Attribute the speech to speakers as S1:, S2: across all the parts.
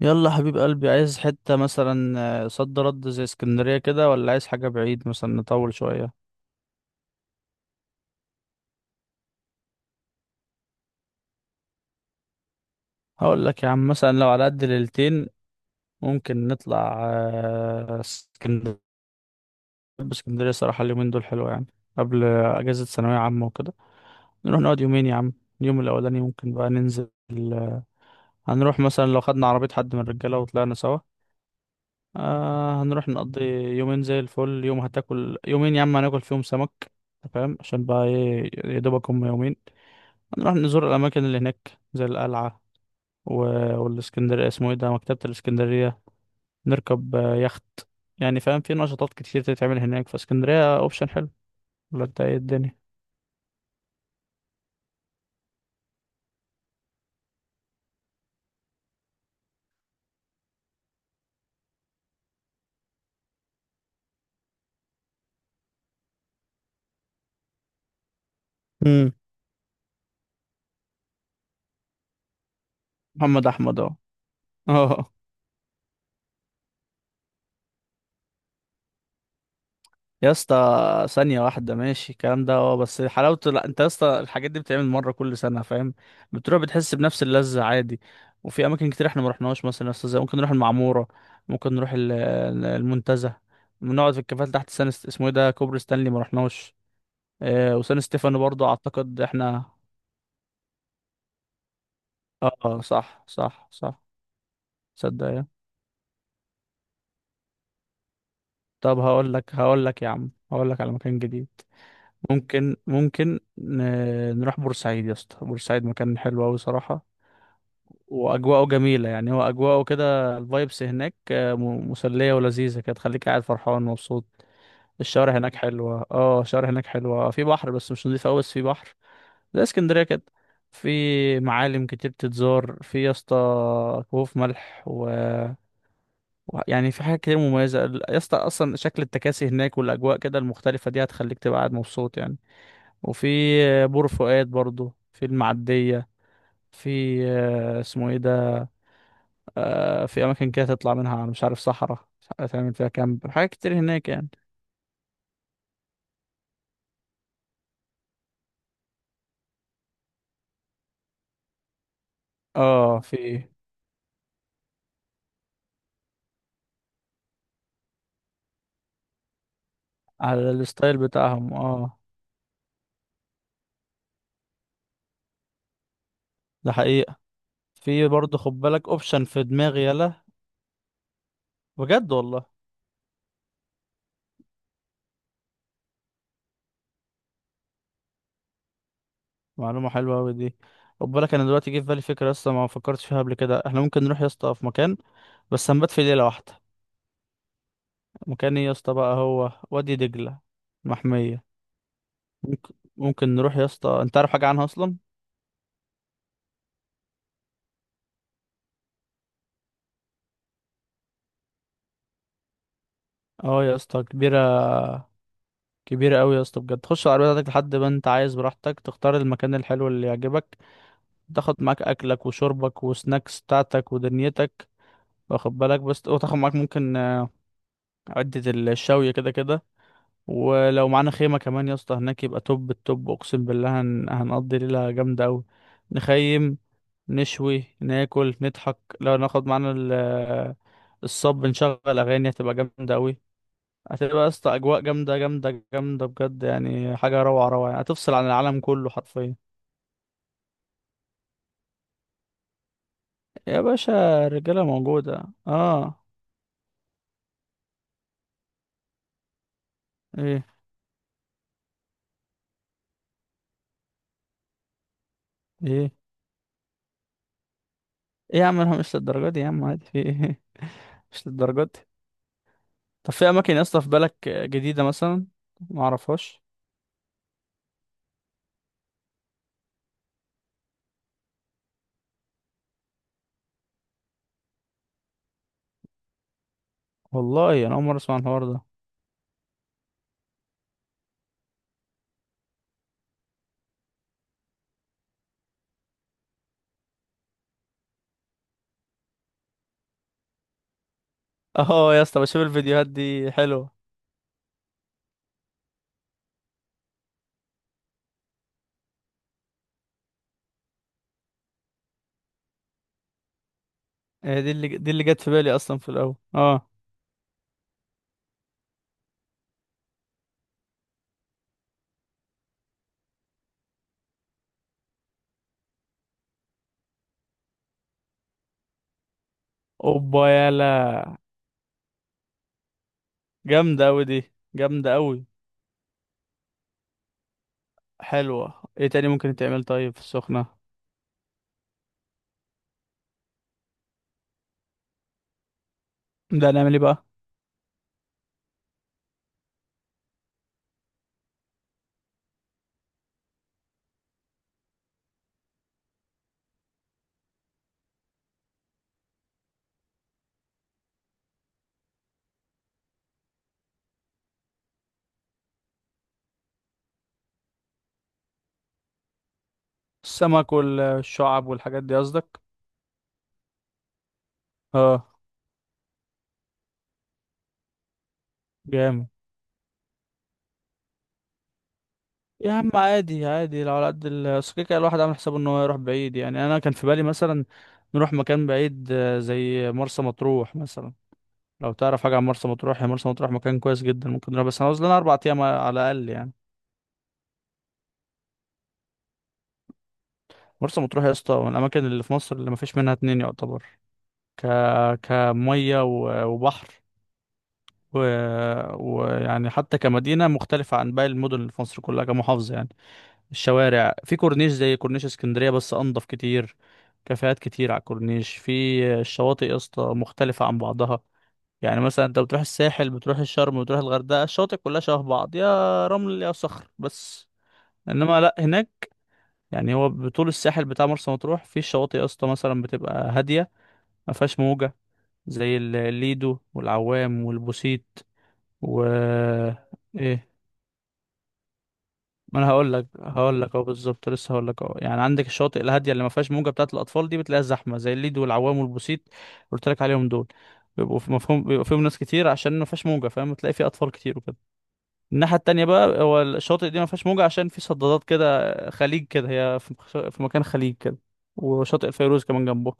S1: يلا حبيب قلبي، عايز حتة مثلا؟ صد رد زي اسكندرية كده، ولا عايز حاجة بعيد مثلا نطول شوية؟ هقول لك يا عم، مثلا لو على قد ليلتين ممكن نطلع اسكندرية. اسكندرية صراحة اليومين دول حلوة يعني، قبل أجازة ثانوية عامة وكده. نروح نقعد يومين يا عم، اليوم الأولاني ممكن بقى ننزل. آه، هنروح مثلا لو خدنا عربية حد من الرجالة وطلعنا سوا. آه، هنروح نقضي يومين زي الفل، يوم هتاكل، يومين يا عم هناكل فيهم سمك. أنت فاهم؟ عشان بقى ايه، يا دوبك هم يومين. هنروح نزور الأماكن اللي هناك زي القلعة و... والإسكندرية اسمه ايه ده، مكتبة الإسكندرية. نركب يخت. يعني فاهم، في نشاطات كتير تتعمل هناك، فاسكندرية اوبشن حلو، ولا انت ايه الدنيا؟ امم. محمد أحمد اهو. اه. يا اسطى ثانية واحدة، ماشي الكلام ده اه، بس حلاوته، لا انت يا اسطى الحاجات دي بتتعمل مرة كل سنة فاهم؟ بتروح بتحس بنفس اللذة عادي. وفي أماكن كتير احنا ما رحناهاش، مثلا يا اسطى زي ممكن نروح المعمورة، ممكن نروح المنتزه، بنقعد في الكافيهات تحت سان اسمه ايه ده، كوبري ستانلي ما رحناش. اه، وسان ستيفانو برضه أعتقد احنا. اه، صح صح صح. صدق يا. طب هقول لك يا عم، هقول لك على مكان جديد. ممكن نروح بورسعيد يا اسطى. بورسعيد مكان حلو أوي صراحة، واجواءه جميله يعني، هو اجواءه كده الفايبس هناك مسليه ولذيذه كده، تخليك قاعد فرحان ومبسوط. الشوارع هناك حلوه، اه الشوارع هناك حلوه، في بحر بس مش نضيف قوي، بس في بحر زي اسكندريه كده. في معالم كتير تتزار في يا اسطى، كهوف ملح يعني في حاجات كتير مميزه يا اسطى، اصلا شكل التكاسي هناك والاجواء كده المختلفه دي هتخليك تبقى قاعد مبسوط يعني. وفي بور فؤاد برضو في المعديه. في آه، اسمه ايه ده في اماكن كده تطلع منها على، مش عارف، صحراء، مش عارف تعمل فيها كامب، حاجات كتير هناك يعني. اه، في على الستايل بتاعهم اه. ده حقيقة. في برضه، خد بالك اوبشن في دماغي يلا، بجد والله. معلومة حلوة اوي دي. خد بالك انا دلوقتي جه في بالي فكرة، لسه ما فكرتش فيها قبل كده، احنا ممكن نروح يا اسطى في مكان بس هنبات في ليلة واحدة. مكان ايه يا اسطى بقى؟ هو وادي دجلة، محمية. ممكن نروح يا اسطى؟ انت عارف حاجة عنها اصلا؟ اه يا اسطى كبيرة، كبيرة قوي يا اسطى بجد، تخش العربية بتاعتك لحد ما انت عايز، براحتك تختار المكان الحلو اللي يعجبك، تاخد معاك اكلك وشربك وسناكس بتاعتك ودنيتك، واخد بالك بس، وتاخد معاك ممكن عدة الشاوية كده كده. ولو معانا خيمة كمان يا اسطى هناك يبقى توب التوب، اقسم بالله هنقضي ليلة جامدة قوي. نخيم، نشوي، ناكل، نضحك، لو ناخد معانا ال... آه، الصب، نشغل اغاني، هتبقى جامدة قوي. هتبقى يا اسطى اجواء جامده جامده جامده بجد يعني، حاجه روعه روعه يعني، هتفصل عن العالم كله حرفيا. يا باشا الرجاله موجوده اه. ايه ايه. ايه يا عم، انا مش للدرجه دي يا عم، عادي، في ايه؟ مش للدرجه دي. طب في اماكن يا اسطى في بالك جديده مثلا ما اعرفهاش؟ والله انا اول مره اسمع عن الحوار ده. اه يا اسطى بشوف الفيديوهات دي حلوه. هي دي اللي جت في بالي اصلا في الاول اه. اوبا يالا. جامده اوي دي، جامده اوي. حلوه. ايه تاني ممكن يتعمل طيب في السخنه؟ ده نعمل ايه بقى؟ السمك والشعب والحاجات دي قصدك؟ اه. جامد. يا عم عادي عادي، لو على قد أصل كده كده الواحد عامل حسابه ان هو يروح بعيد يعني. انا كان في بالي مثلا نروح مكان بعيد زي مرسى مطروح مثلا، لو تعرف حاجه عن مرسى مطروح. يا مرسى مطروح مكان كويس جدا، ممكن نروح بس هنعوز لنا اربع ايام على الاقل يعني. مرسى مطروح يا اسطى من الاماكن اللي في مصر اللي ما فيش منها اتنين يعتبر. ك، كميه وبحر و... ويعني حتى كمدينه مختلفه عن باقي المدن اللي في مصر كلها كمحافظه يعني. الشوارع في كورنيش زي كورنيش اسكندرية بس أنضف كتير، كافيهات كتير على الكورنيش. في الشواطئ يا اسطى مختلفة عن بعضها، يعني مثلا انت بتروح الساحل، بتروح الشرم، بتروح الغردقة، الشواطئ كلها شبه بعض، يا رمل يا صخر بس. انما لا هناك يعني، هو بطول الساحل بتاع مرسى مطروح في الشواطئ يا اسطى مثلا بتبقى هادية ما فيهاش موجة، زي الليدو والعوام والبوسيت و. ايه؟ ما انا هقول لك اهو بالظبط، لسه هقول لك اهو. يعني عندك الشواطئ الهاديه اللي ما فيهاش موجه بتاعه الاطفال دي، بتلاقيها زحمه زي الليد والعوام والبوسيت، قلت لك عليهم دول، بيبقوا في مفهوم، بيبقى فيهم ناس كتير عشان ما فيهاش موجه فاهم، تلاقي فيه اطفال كتير وكده. الناحية التانية بقى، هو الشاطئ دي ما فيهاش موجة عشان في صدادات كده، خليج كده، هي في مكان خليج كده، وشاطئ الفيروز كمان جنبه.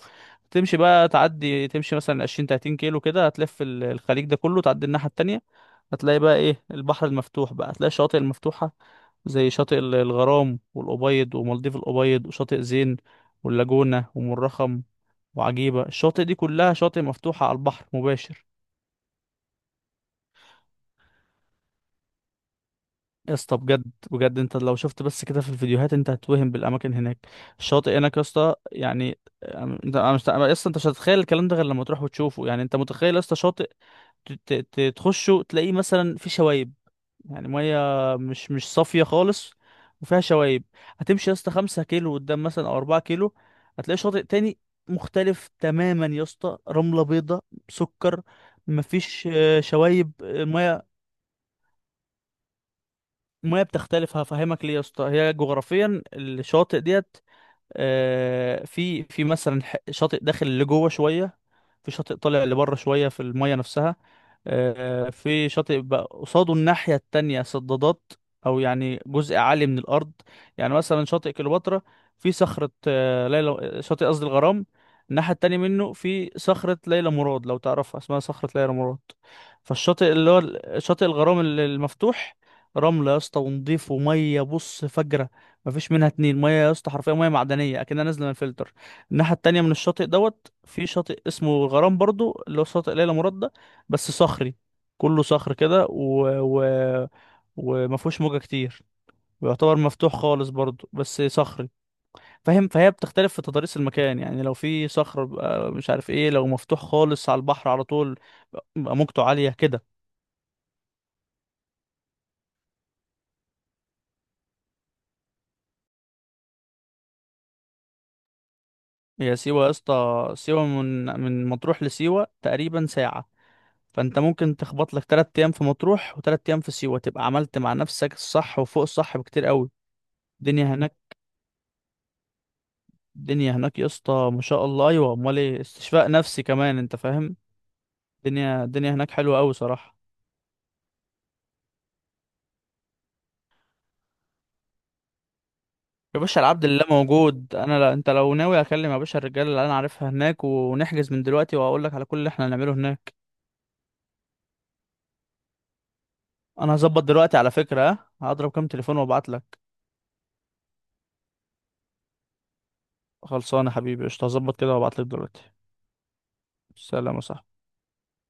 S1: تمشي بقى، تعدي، تمشي مثلا 20 30 كيلو كده، هتلف الخليج ده كله، تعدي الناحية التانية هتلاقي بقى ايه؟ البحر المفتوح بقى، هتلاقي الشواطئ المفتوحة زي شاطئ الغرام والأبيض ومالديف الأبيض وشاطئ زين واللاجونة ومرخم وعجيبة. الشاطئ دي كلها شاطئ مفتوحة على البحر مباشر. يا اسطى بجد، بجد انت لو شفت بس كده في الفيديوهات انت هتتوهم بالاماكن هناك. الشاطئ هناك يا اسطى يعني. أم- انت، انا مش، يا اسطى انت مش هتتخيل الكلام ده غير لما تروح وتشوفه. يعني انت متخيل يا اسطى شاطئ تخشه تلاقيه مثلا فيه شوايب، يعني ميه مش صافيه خالص وفيها شوايب. هتمشي يا اسطى 5 كيلو قدام مثلا او 4 كيلو، هتلاقي شاطئ تاني مختلف تماما يا اسطى، رمله بيضاء سكر، مفيش شوايب الميه. المياه بتختلف، هفهمك ليه يا اسطى، هي جغرافيا الشواطئ ديت. في مثلا شاطئ داخل لجوه شويه، في شاطئ طالع لبره شويه في الميه نفسها. في شاطئ بقى قصاده الناحيه التانية صدادات، او يعني جزء عالي من الارض. يعني مثلا شاطئ كليوباترا في صخره، آه، ليلى شاطئ قصدي الغرام الناحيه التانية منه في صخره ليلى مراد، لو تعرفها، اسمها صخره ليلى مراد. فالشاطئ اللي هو شاطئ الغرام المفتوح، رملة يا اسطى ونضيف، ومية بص فجرة، مفيش منها اتنين، ميه يا اسطى حرفيا ميه معدنيه اكنها نازله من الفلتر. الناحيه التانية من الشاطئ دوت في شاطئ اسمه الغرام برضو اللي هو شاطئ ليلى مراد ده، بس صخري، كله صخر كده وما فيهوش موجه كتير، ويعتبر مفتوح خالص برضو بس صخري، فاهم؟ فهي بتختلف في تضاريس المكان يعني، لو في صخر بيبقى مش عارف ايه، لو مفتوح خالص على البحر على طول بيبقى موجته عاليه كده. هي سيوه يا اسطى، سيوه من مطروح لسيوه تقريبا ساعه، فانت ممكن تخبط لك تلات ايام في مطروح وتلات ايام في سيوة، تبقى عملت مع نفسك الصح وفوق الصح بكتير قوي. الدنيا هناك، الدنيا هناك يا اسطى ما شاء الله، ايوه، امال ايه، استشفاء نفسي كمان انت فاهم. الدنيا هناك حلوه قوي صراحه. يا باشا العبد لله موجود، انا لا انت لو ناوي اكلم يا باشا الرجاله اللي انا عارفها هناك، ونحجز من دلوقتي، واقول لك على كل اللي احنا هنعمله هناك. انا هظبط دلوقتي على فكره، ها هضرب كام تليفون وابعت لك. خلصانه حبيبي، قشطه، هظبط كده وابعت لك دلوقتي. سلام يا صاحبي.